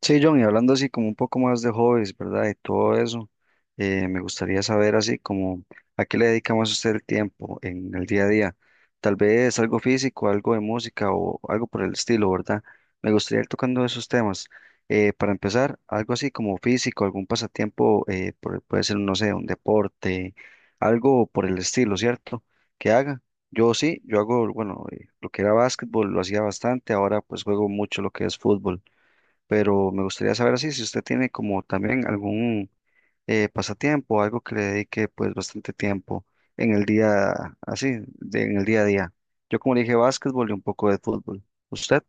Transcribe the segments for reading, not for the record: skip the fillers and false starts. Sí, John, y hablando así como un poco más de hobbies, ¿verdad? Y todo eso, me gustaría saber así como a qué le dedica más usted el tiempo en el día a día. Tal vez algo físico, algo de música o algo por el estilo, ¿verdad? Me gustaría ir tocando esos temas. Para empezar, algo así como físico, algún pasatiempo, puede ser, no sé, un deporte, algo por el estilo, ¿cierto? Que haga. Yo sí, bueno, lo que era básquetbol lo hacía bastante, ahora pues juego mucho lo que es fútbol, pero me gustaría saber así si usted tiene como también algún pasatiempo, algo que le dedique pues bastante tiempo en el día, así, en el día a día. Yo como le dije, básquetbol y un poco de fútbol. ¿Usted?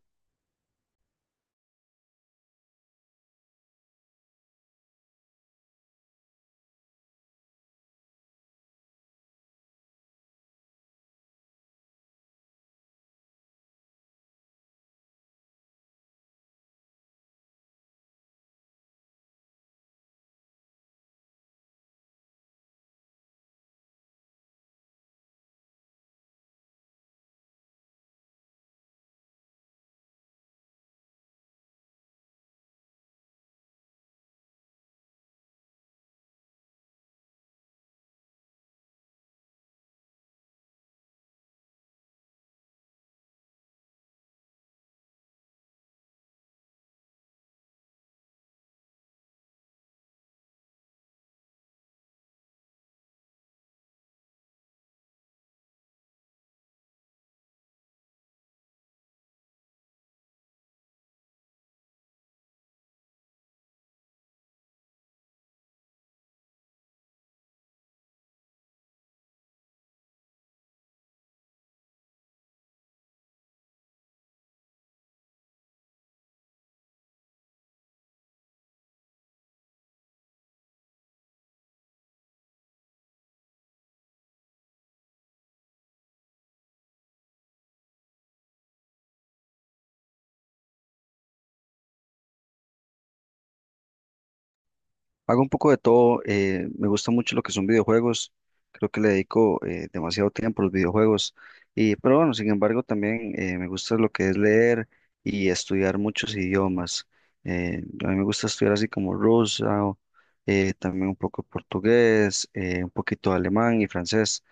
Hago un poco de todo, me gusta mucho lo que son videojuegos, creo que le dedico demasiado tiempo a los videojuegos, y, pero bueno, sin embargo también me gusta lo que es leer y estudiar muchos idiomas. A mí me gusta estudiar así como ruso, también un poco portugués, un poquito de alemán y francés.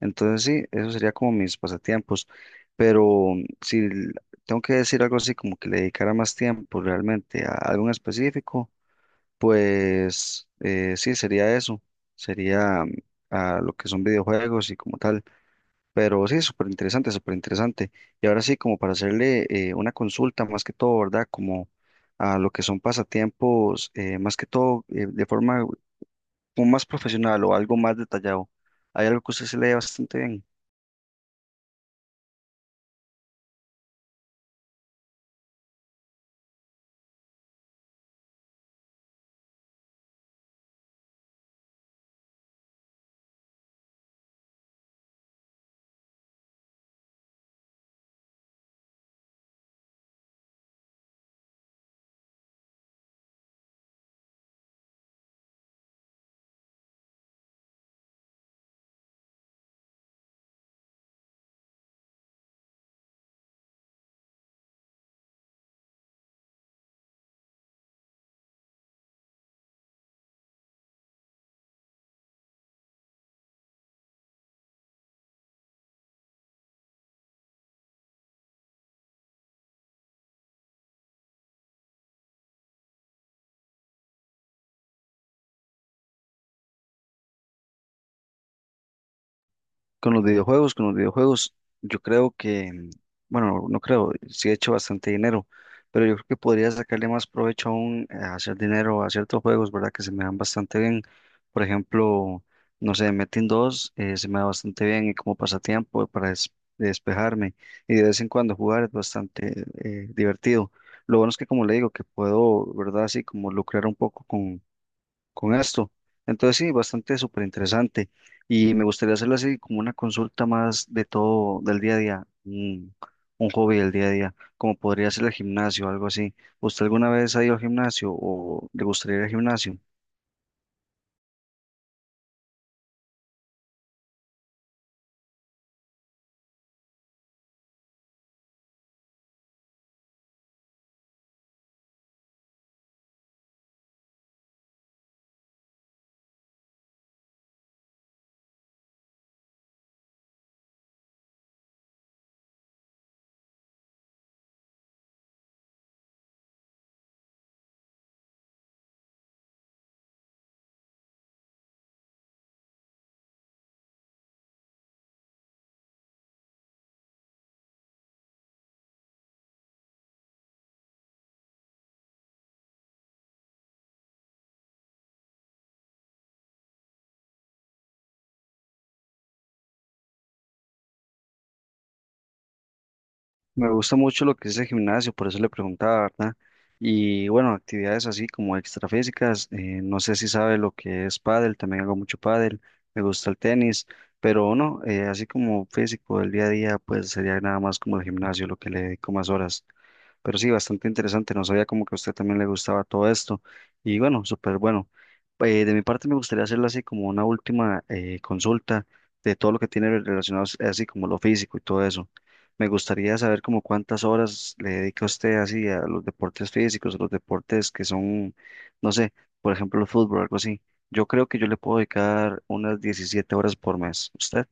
Entonces sí, eso sería como mis pasatiempos, pero si l- tengo que decir algo así como que le dedicara más tiempo realmente a algo en específico. Pues sí, sería eso, sería a lo que son videojuegos y como tal, pero sí, súper interesante, súper interesante. Y ahora sí, como para hacerle una consulta más que todo, ¿verdad? Como a lo que son pasatiempos, más que todo de forma como más profesional o algo más detallado. Hay algo que usted se lee bastante bien. Con los videojuegos, yo creo que, bueno, no creo, sí he hecho bastante dinero, pero yo creo que podría sacarle más provecho aún a hacer dinero a ciertos juegos, ¿verdad? Que se me dan bastante bien. Por ejemplo, no sé, Metin 2 se me da bastante bien y como pasatiempo para despejarme y de vez en cuando jugar es bastante divertido. Lo bueno es que, como le digo, que puedo, ¿verdad? Así como lucrar un poco con esto. Entonces sí, bastante súper interesante. Y me gustaría hacerlo así como una consulta más de todo del día a día, un hobby del día a día, como podría ser el gimnasio, algo así. ¿Usted alguna vez ha ido al gimnasio o le gustaría ir al gimnasio? Me gusta mucho lo que es el gimnasio, por eso le preguntaba, ¿verdad? Y bueno, actividades así como extrafísicas, no sé si sabe lo que es pádel, también hago mucho pádel, me gusta el tenis, pero no, así como físico del día a día, pues sería nada más como el gimnasio lo que le dedico más horas. Pero sí, bastante interesante. No sabía como que a usted también le gustaba todo esto. Y bueno, súper bueno. De mi parte me gustaría hacerle así como una última consulta de todo lo que tiene relacionado así como lo físico y todo eso. Me gustaría saber como cuántas horas le dedica usted así a los deportes físicos, a los deportes que son, no sé, por ejemplo, el fútbol, algo así. Yo creo que yo le puedo dedicar unas 17 horas por mes. ¿Usted?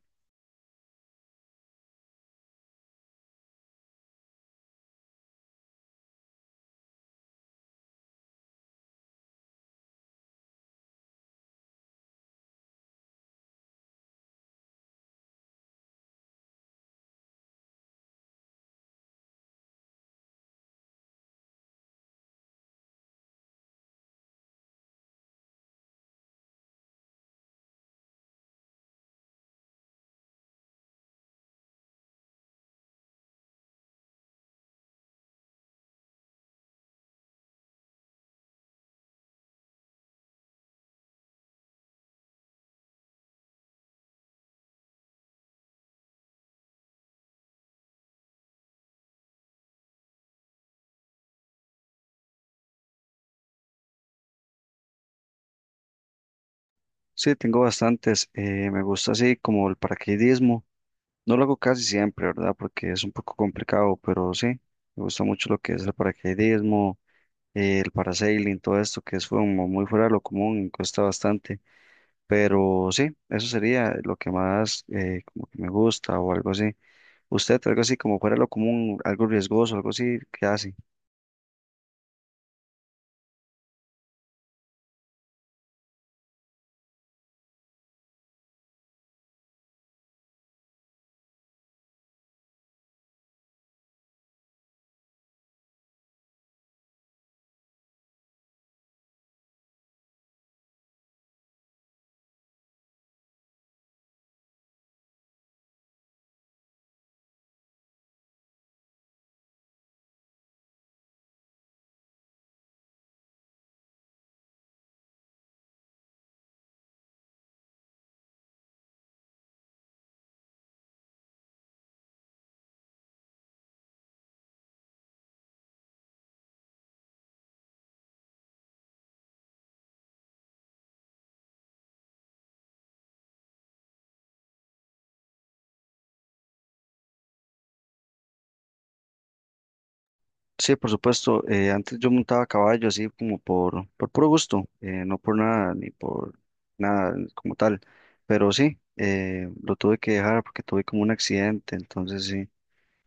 Sí, tengo bastantes. Me gusta así como el paracaidismo. No lo hago casi siempre, ¿verdad? Porque es un poco complicado, pero sí, me gusta mucho lo que es el paracaidismo, el parasailing, todo esto que es como muy fuera de lo común y cuesta bastante. Pero sí, eso sería lo que más como que me gusta o algo así. ¿Usted algo así como fuera de lo común, algo riesgoso, algo así, qué hace? Sí, por supuesto. Antes yo montaba caballo así como por puro gusto, no por nada ni por nada como tal. Pero sí, lo tuve que dejar porque tuve como un accidente, entonces sí,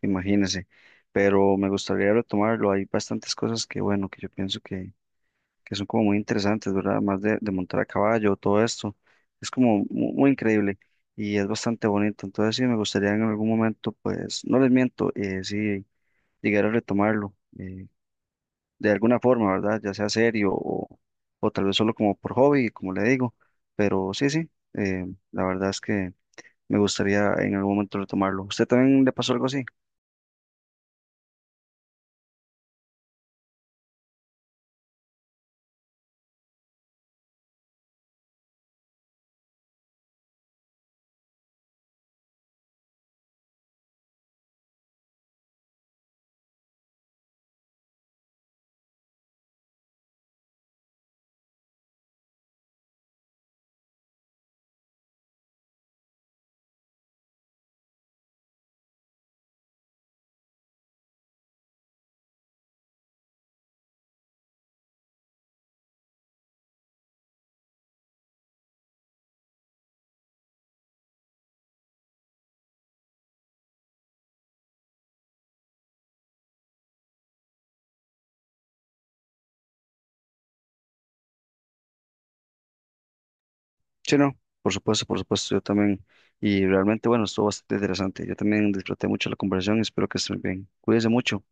imagínese. Pero me gustaría retomarlo. Hay bastantes cosas que, bueno, que yo pienso que son como muy interesantes, ¿verdad? Más de montar a caballo, todo esto. Es como muy increíble y es bastante bonito. Entonces sí, me gustaría en algún momento, pues, no les miento, sí, llegar a retomarlo. De alguna forma, ¿verdad? Ya sea serio o tal vez solo como por hobby, como le digo. Pero sí, sí, la verdad es que me gustaría en algún momento retomarlo. ¿Usted también le pasó algo así? Sí, no, por supuesto, yo también. Y realmente, bueno, estuvo bastante interesante. Yo también disfruté mucho la conversación y espero que estén bien. Cuídense mucho.